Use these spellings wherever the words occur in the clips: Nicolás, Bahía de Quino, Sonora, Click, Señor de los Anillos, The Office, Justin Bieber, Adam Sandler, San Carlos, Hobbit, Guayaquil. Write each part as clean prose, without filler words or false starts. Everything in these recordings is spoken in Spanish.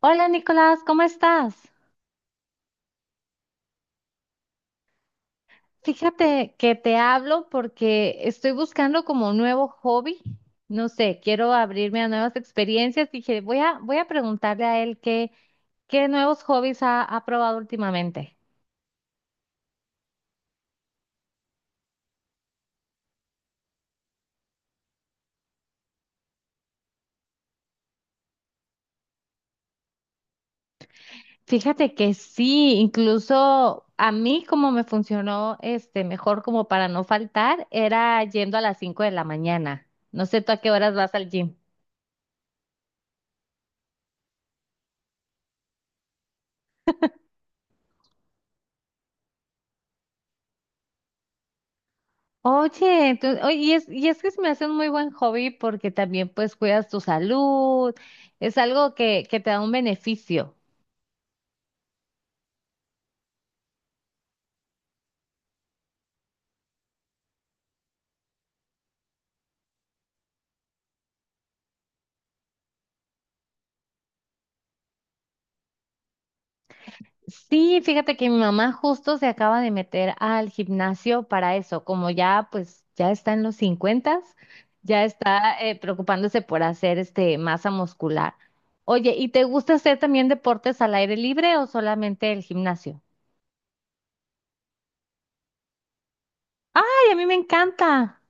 Hola Nicolás, ¿cómo estás? Fíjate que te hablo porque estoy buscando como un nuevo hobby. No sé, quiero abrirme a nuevas experiencias. Dije, voy a preguntarle a él qué nuevos hobbies ha probado últimamente. Fíjate que sí, incluso a mí como me funcionó este mejor como para no faltar, era yendo a las 5 de la mañana. No sé tú a qué horas vas al gym. Oye, entonces, oye, y es que se me hace un muy buen hobby porque también pues cuidas tu salud, es algo que te da un beneficio. Sí, fíjate que mi mamá justo se acaba de meter al gimnasio para eso, como ya pues ya está en los 50, ya está preocupándose por hacer masa muscular. Oye, ¿y te gusta hacer también deportes al aire libre o solamente el gimnasio? Ay, a mí me encanta.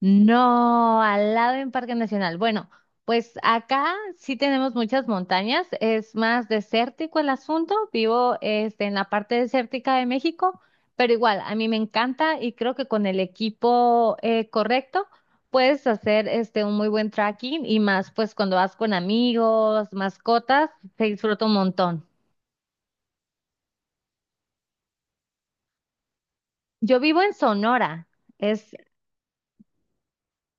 No, al lado en Parque Nacional. Bueno, pues acá sí tenemos muchas montañas, es más desértico el asunto. Vivo en la parte desértica de México, pero igual, a mí me encanta y creo que con el equipo correcto puedes hacer un muy buen trekking y más pues cuando vas con amigos, mascotas, se disfruta un montón. Yo vivo en Sonora, es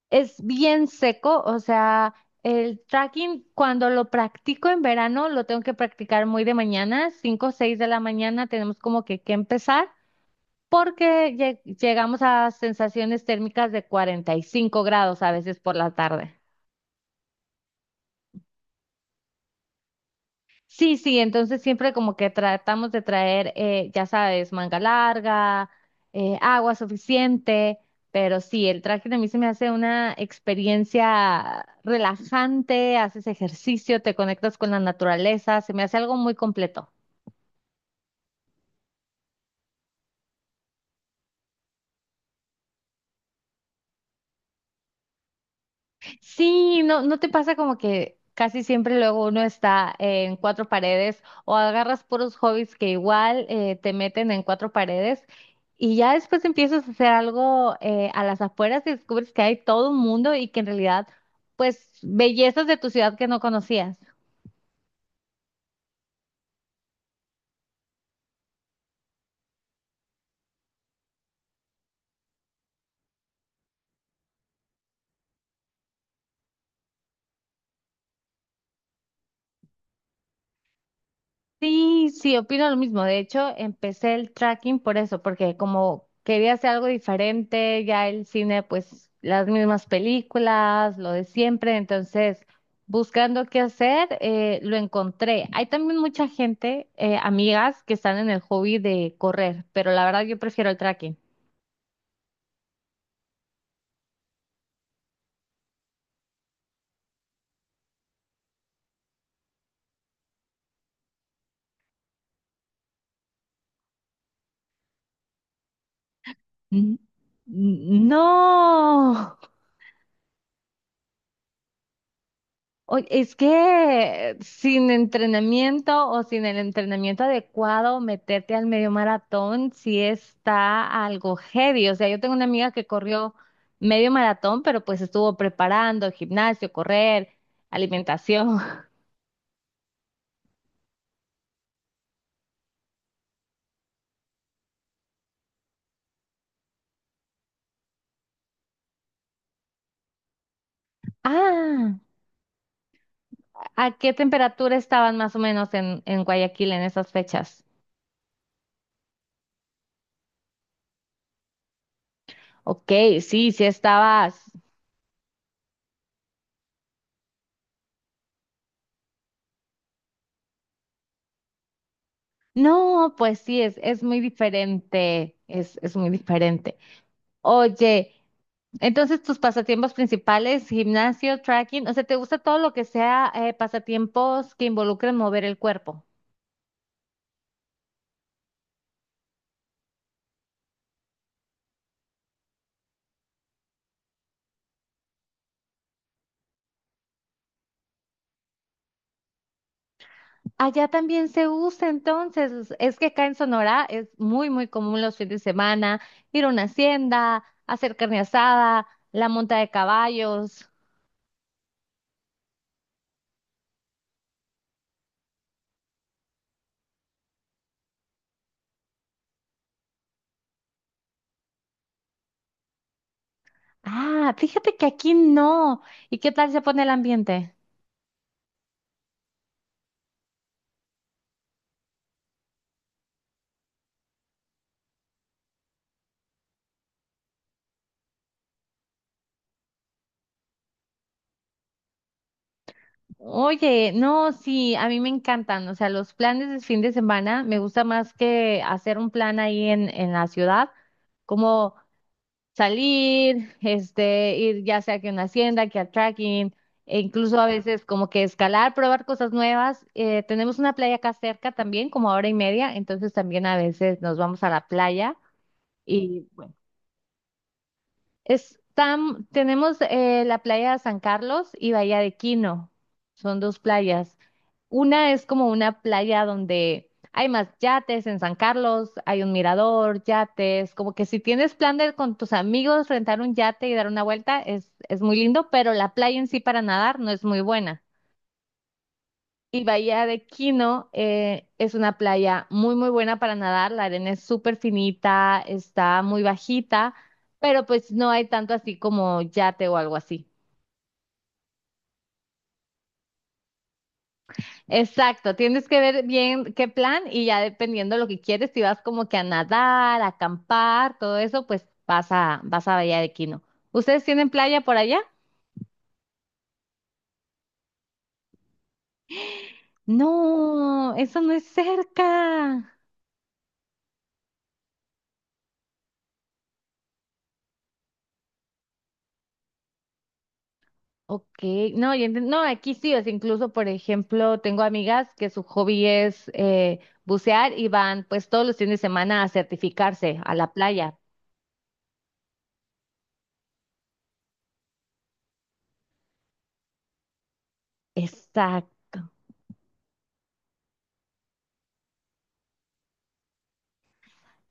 Es bien seco, o sea, el tracking cuando lo practico en verano lo tengo que practicar muy de mañana, 5, o 6 de la mañana tenemos como que empezar porque llegamos a sensaciones térmicas de 45 grados a veces por la tarde. Sí, sí, entonces siempre como que tratamos de traer, ya sabes, manga larga, agua suficiente, pero sí, el trekking a mí se me hace una experiencia relajante, haces ejercicio, te conectas con la naturaleza, se me hace algo muy completo. Sí, no, ¿no te pasa como que casi siempre luego uno está en cuatro paredes o agarras puros hobbies que igual te meten en cuatro paredes y ya después empiezas a hacer algo a las afueras y descubres que hay todo un mundo y que en realidad, pues, bellezas de tu ciudad que no conocías? Sí, sí, opino lo mismo. De hecho, empecé el tracking por eso, porque como quería hacer algo diferente, ya el cine, pues las mismas películas, lo de siempre, entonces buscando qué hacer, lo encontré. Hay también mucha gente, amigas, que están en el hobby de correr, pero la verdad yo prefiero el tracking. Mm, no. Oye, es que sin entrenamiento o sin el entrenamiento adecuado, meterte al medio maratón sí está algo heavy. O sea, yo tengo una amiga que corrió medio maratón, pero pues estuvo preparando gimnasio, correr, alimentación. Ah, ¿a qué temperatura estaban más o menos en Guayaquil en esas fechas? Ok, sí, sí estabas. No, pues sí, es muy diferente, es muy diferente. Oye. Entonces, tus pasatiempos principales, gimnasio, tracking, o sea, ¿te gusta todo lo que sea pasatiempos que involucren mover el cuerpo? Allá también se usa, entonces, es que acá en Sonora es muy, muy común los fines de semana ir a una hacienda, hacer carne asada, la monta de caballos. Ah, fíjate que aquí no. ¿Y qué tal se pone el ambiente? Oye, no, sí, a mí me encantan, o sea, los planes de fin de semana me gusta más que hacer un plan ahí en la ciudad, como salir, ir ya sea que a una hacienda, que al trekking, e incluso a veces como que escalar, probar cosas nuevas. Tenemos una playa acá cerca también, como a hora y media, entonces también a veces nos vamos a la playa y bueno, tenemos la playa de San Carlos y Bahía de Quino, son dos playas. Una es como una playa donde hay más yates en San Carlos, hay un mirador, yates, como que si tienes plan de con tus amigos rentar un yate y dar una vuelta es muy lindo, pero la playa en sí para nadar no es muy buena. Y Bahía de Quino es una playa muy, muy buena para nadar, la arena es súper finita, está muy bajita, pero pues no hay tanto así como yate o algo así. Exacto, tienes que ver bien qué plan y ya dependiendo lo que quieres, si vas como que a nadar, a acampar, todo eso, pues vas a Bahía de Quino. ¿Ustedes tienen playa por allá? No, eso no es cerca. Ok, no, no, aquí sí, o sea incluso, por ejemplo, tengo amigas que su hobby es bucear y van pues todos los fines de semana a certificarse a la playa. Exacto.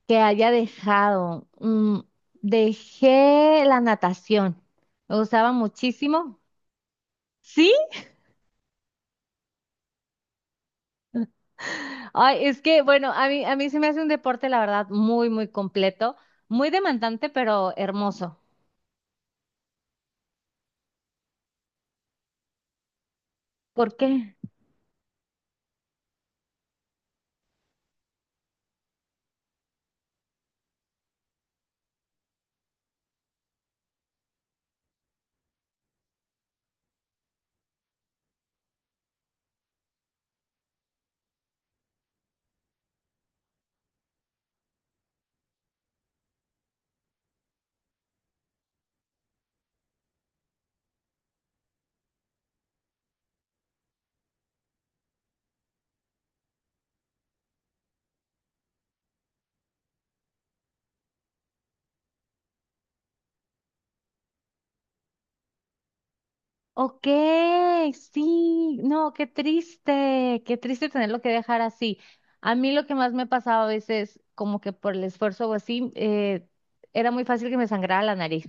Que haya dejado. Dejé la natación. Me gustaba muchísimo. ¿Sí? Ay, es que, bueno, a mí se me hace un deporte, la verdad, muy, muy completo, muy demandante, pero hermoso. ¿Por qué? Ok, sí, no, qué triste tenerlo que dejar así. A mí lo que más me pasaba a veces, como que por el esfuerzo o así, era muy fácil que me sangrara la nariz.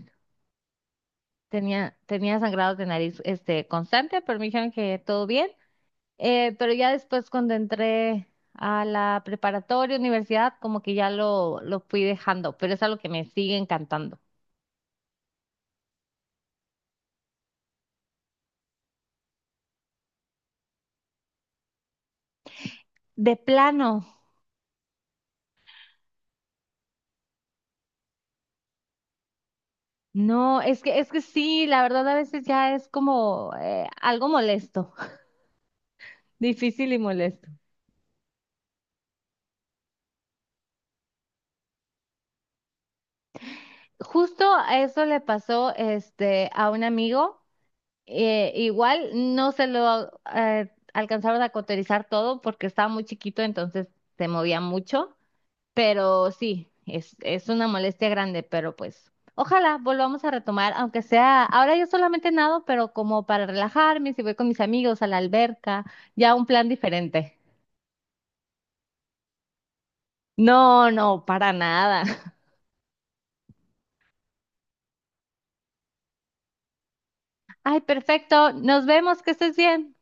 Tenía sangrados de nariz constante, pero me dijeron que todo bien. Pero ya después cuando entré a la preparatoria, universidad, como que ya lo fui dejando, pero es algo que me sigue encantando. De plano, no, es que sí, la verdad a veces ya es como algo molesto, difícil y molesto. Justo a eso le pasó a un amigo. Igual no se lo alcanzaron a cauterizar todo porque estaba muy chiquito, entonces se movía mucho, pero sí, es una molestia grande, pero pues ojalá volvamos a retomar, aunque sea, ahora yo solamente nado, pero como para relajarme, si voy con mis amigos a la alberca, ya un plan diferente. No, no, para nada. Ay, perfecto, nos vemos, que estés bien.